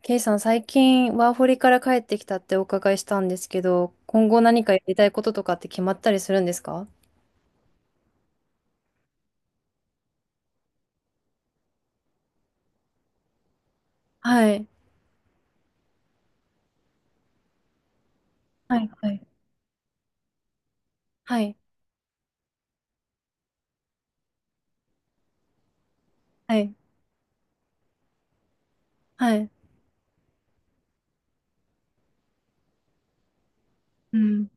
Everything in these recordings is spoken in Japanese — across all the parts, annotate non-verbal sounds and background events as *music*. ケイさん、最近ワーホリから帰ってきたってお伺いしたんですけど、今後何かやりたいこととかって決まったりするんですか？はい。はい。はい。はい。はい。はい。うん。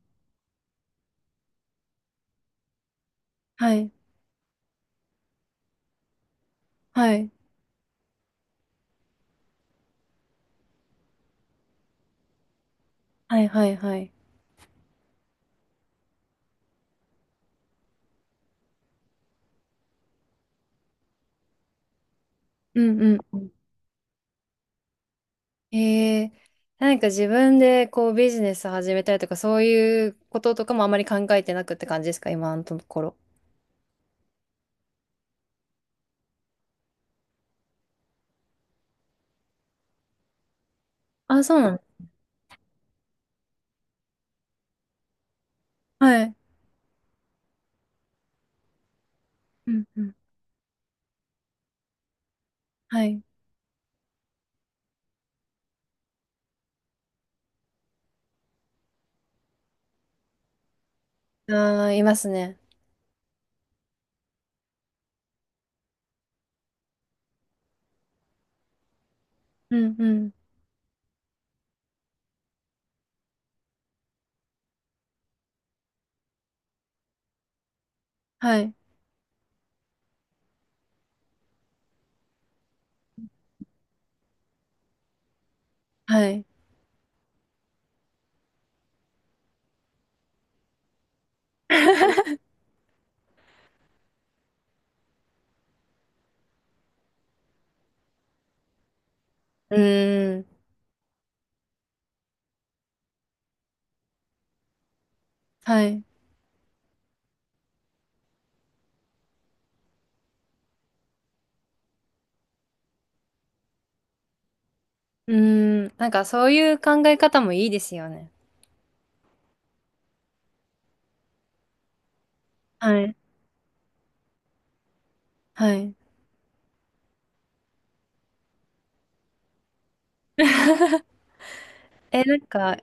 はい。はい。はい。はい。はい。うんうんうん。えー、何か自分でこうビジネス始めたりとか、そういうこととかもあまり考えてなくって感じですか、今のところ。あ、そうなの？はい。うんうん。はい。あー、いますね。うんうん。はい。はい。*laughs* うーん。はい。うーん、なんかそういう考え方もいいですよね。はい。はい。え、なんか、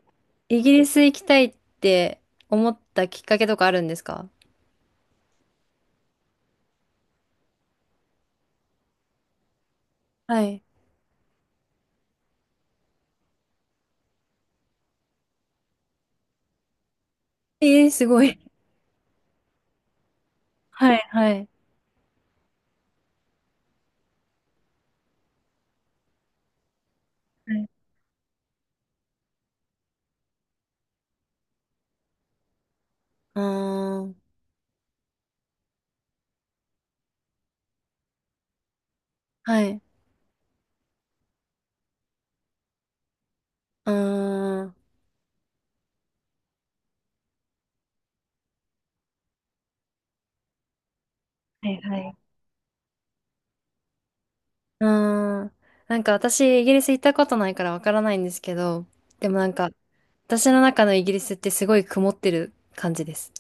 イギリス行きたいって思ったきっかけとかあるんですか？はい。えー、すごい。はい、はい。はい。うーん、はい。うーん、はい、はい。うーん、なんか私、イギリス行ったことないからわからないんですけど、でもなんか、私の中のイギリスってすごい曇ってる感じです。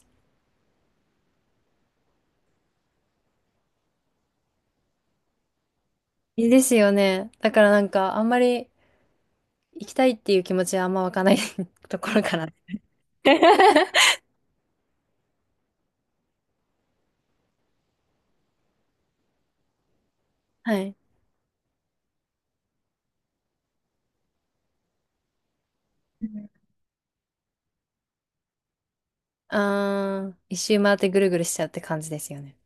いいですよね。だからなんか、あんまり、行きたいっていう気持ちはあんまわかんない *laughs* ところから。*laughs* はい。あー、一周回ってぐるぐるしちゃうって感じですよね。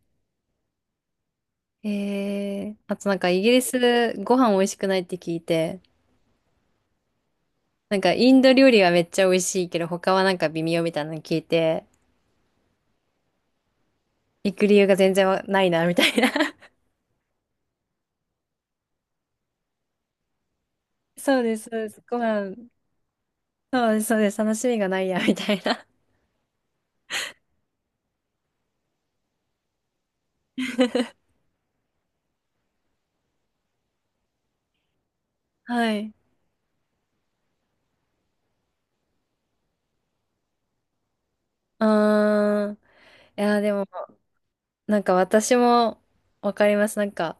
あとなんかイギリスご飯美味しくないって聞いて、なんかインド料理はめっちゃ美味しいけど他はなんか微妙みたいなの聞いて、行く理由が全然わないなみたいな。*laughs* そうです、そうです。ご飯、そうです、そうです。楽しみがないやみたいな。*laughs* はい。あー、いやーでもなんか私もわかります。なんか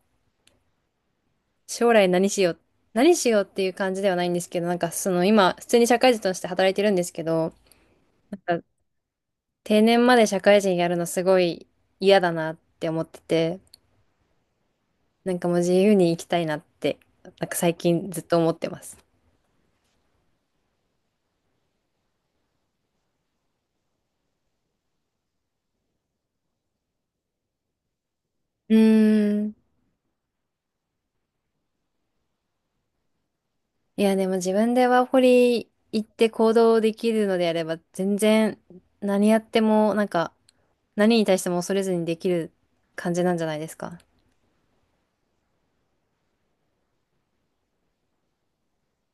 将来何しよう、何しようっていう感じではないんですけど、なんかその今、普通に社会人として働いてるんですけど、なんか定年まで社会人やるのすごい嫌だなって思ってて、なんかもう自由に生きたいなって、なんか最近ずっと思ってます。うーん。いや、でも自分でワーホリ行って行動できるのであれば、全然何やっても、なんか何に対しても恐れずにできる感じなんじゃないですか。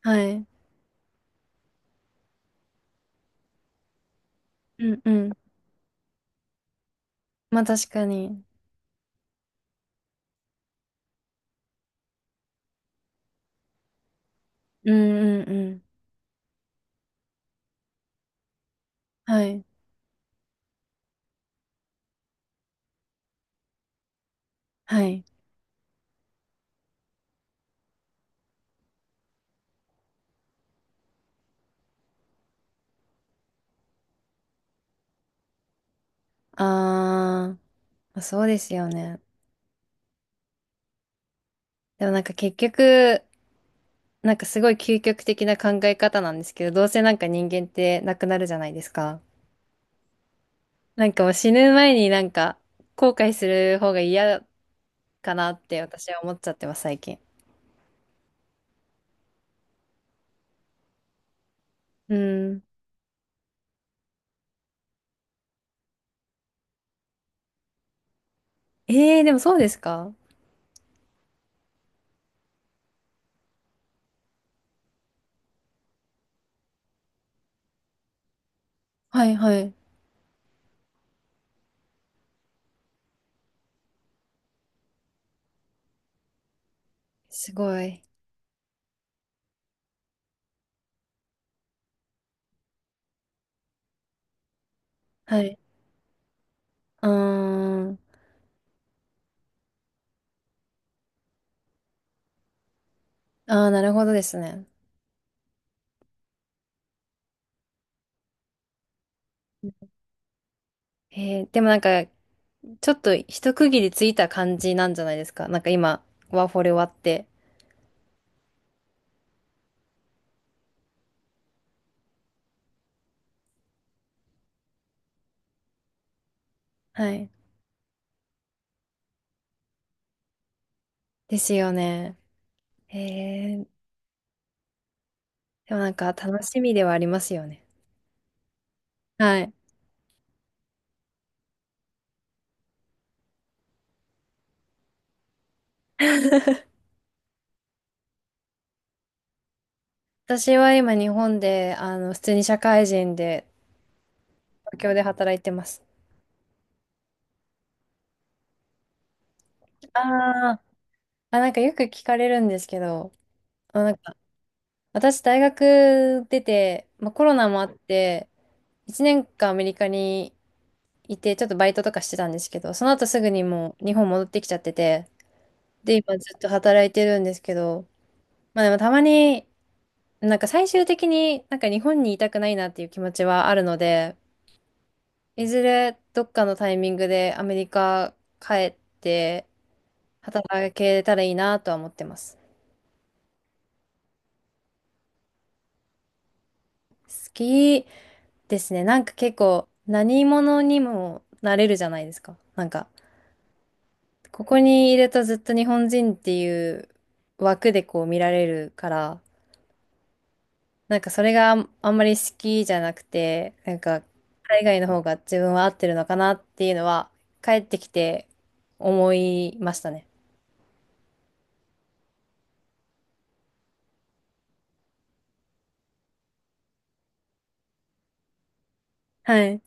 はい。うんうん。まあ確かに。うんうんうん。はい。はい。あー、まあ、そうですよね。でもなんか結局、なんかすごい究極的な考え方なんですけど、どうせなんか人間ってなくなるじゃないですか。なんかもう死ぬ前になんか後悔する方が嫌かなって私は思っちゃってます、最近。うん。でもそうですか？はいはい。すごい。はい。うーん。ああ、なるほどですね。でもなんかちょっと一区切りついた感じなんじゃないですか。なんか今、ワーホリ終わって。はい。ですよね。へえ。でもなんか楽しみではありますよね。はい。*laughs* 私は今日本で、あの、普通に社会人で、東京で働いてます。あー、あ、なんかよく聞かれるんですけど、あ、なんか私大学出て、まあ、コロナもあって、1年間アメリカにいて、ちょっとバイトとかしてたんですけど、その後すぐにもう日本戻ってきちゃってて、で、今ずっと働いてるんですけど、まあでもたまに、なんか最終的になんか日本にいたくないなっていう気持ちはあるので、いずれどっかのタイミングでアメリカ帰って働けたらいいなとは思ってます。好きですね。なんか結構何者にもなれるじゃないですか。なんか、ここにいるとずっと日本人っていう枠でこう見られるから、なんかそれがあんあんまり好きじゃなくて、なんか海外の方が自分は合ってるのかなっていうのは帰ってきて思いましたね。はい。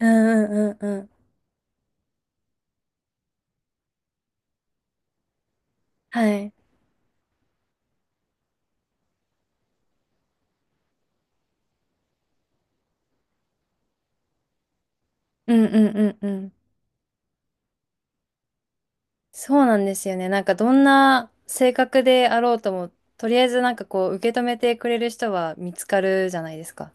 うんうんうんうん。はい。うんうんうんうん。そうなんですよね。なんかどんな性格であろうとも、とりあえずなんかこう受け止めてくれる人は見つかるじゃないですか。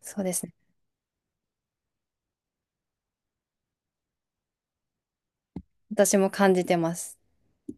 そうですね。私も感じてます。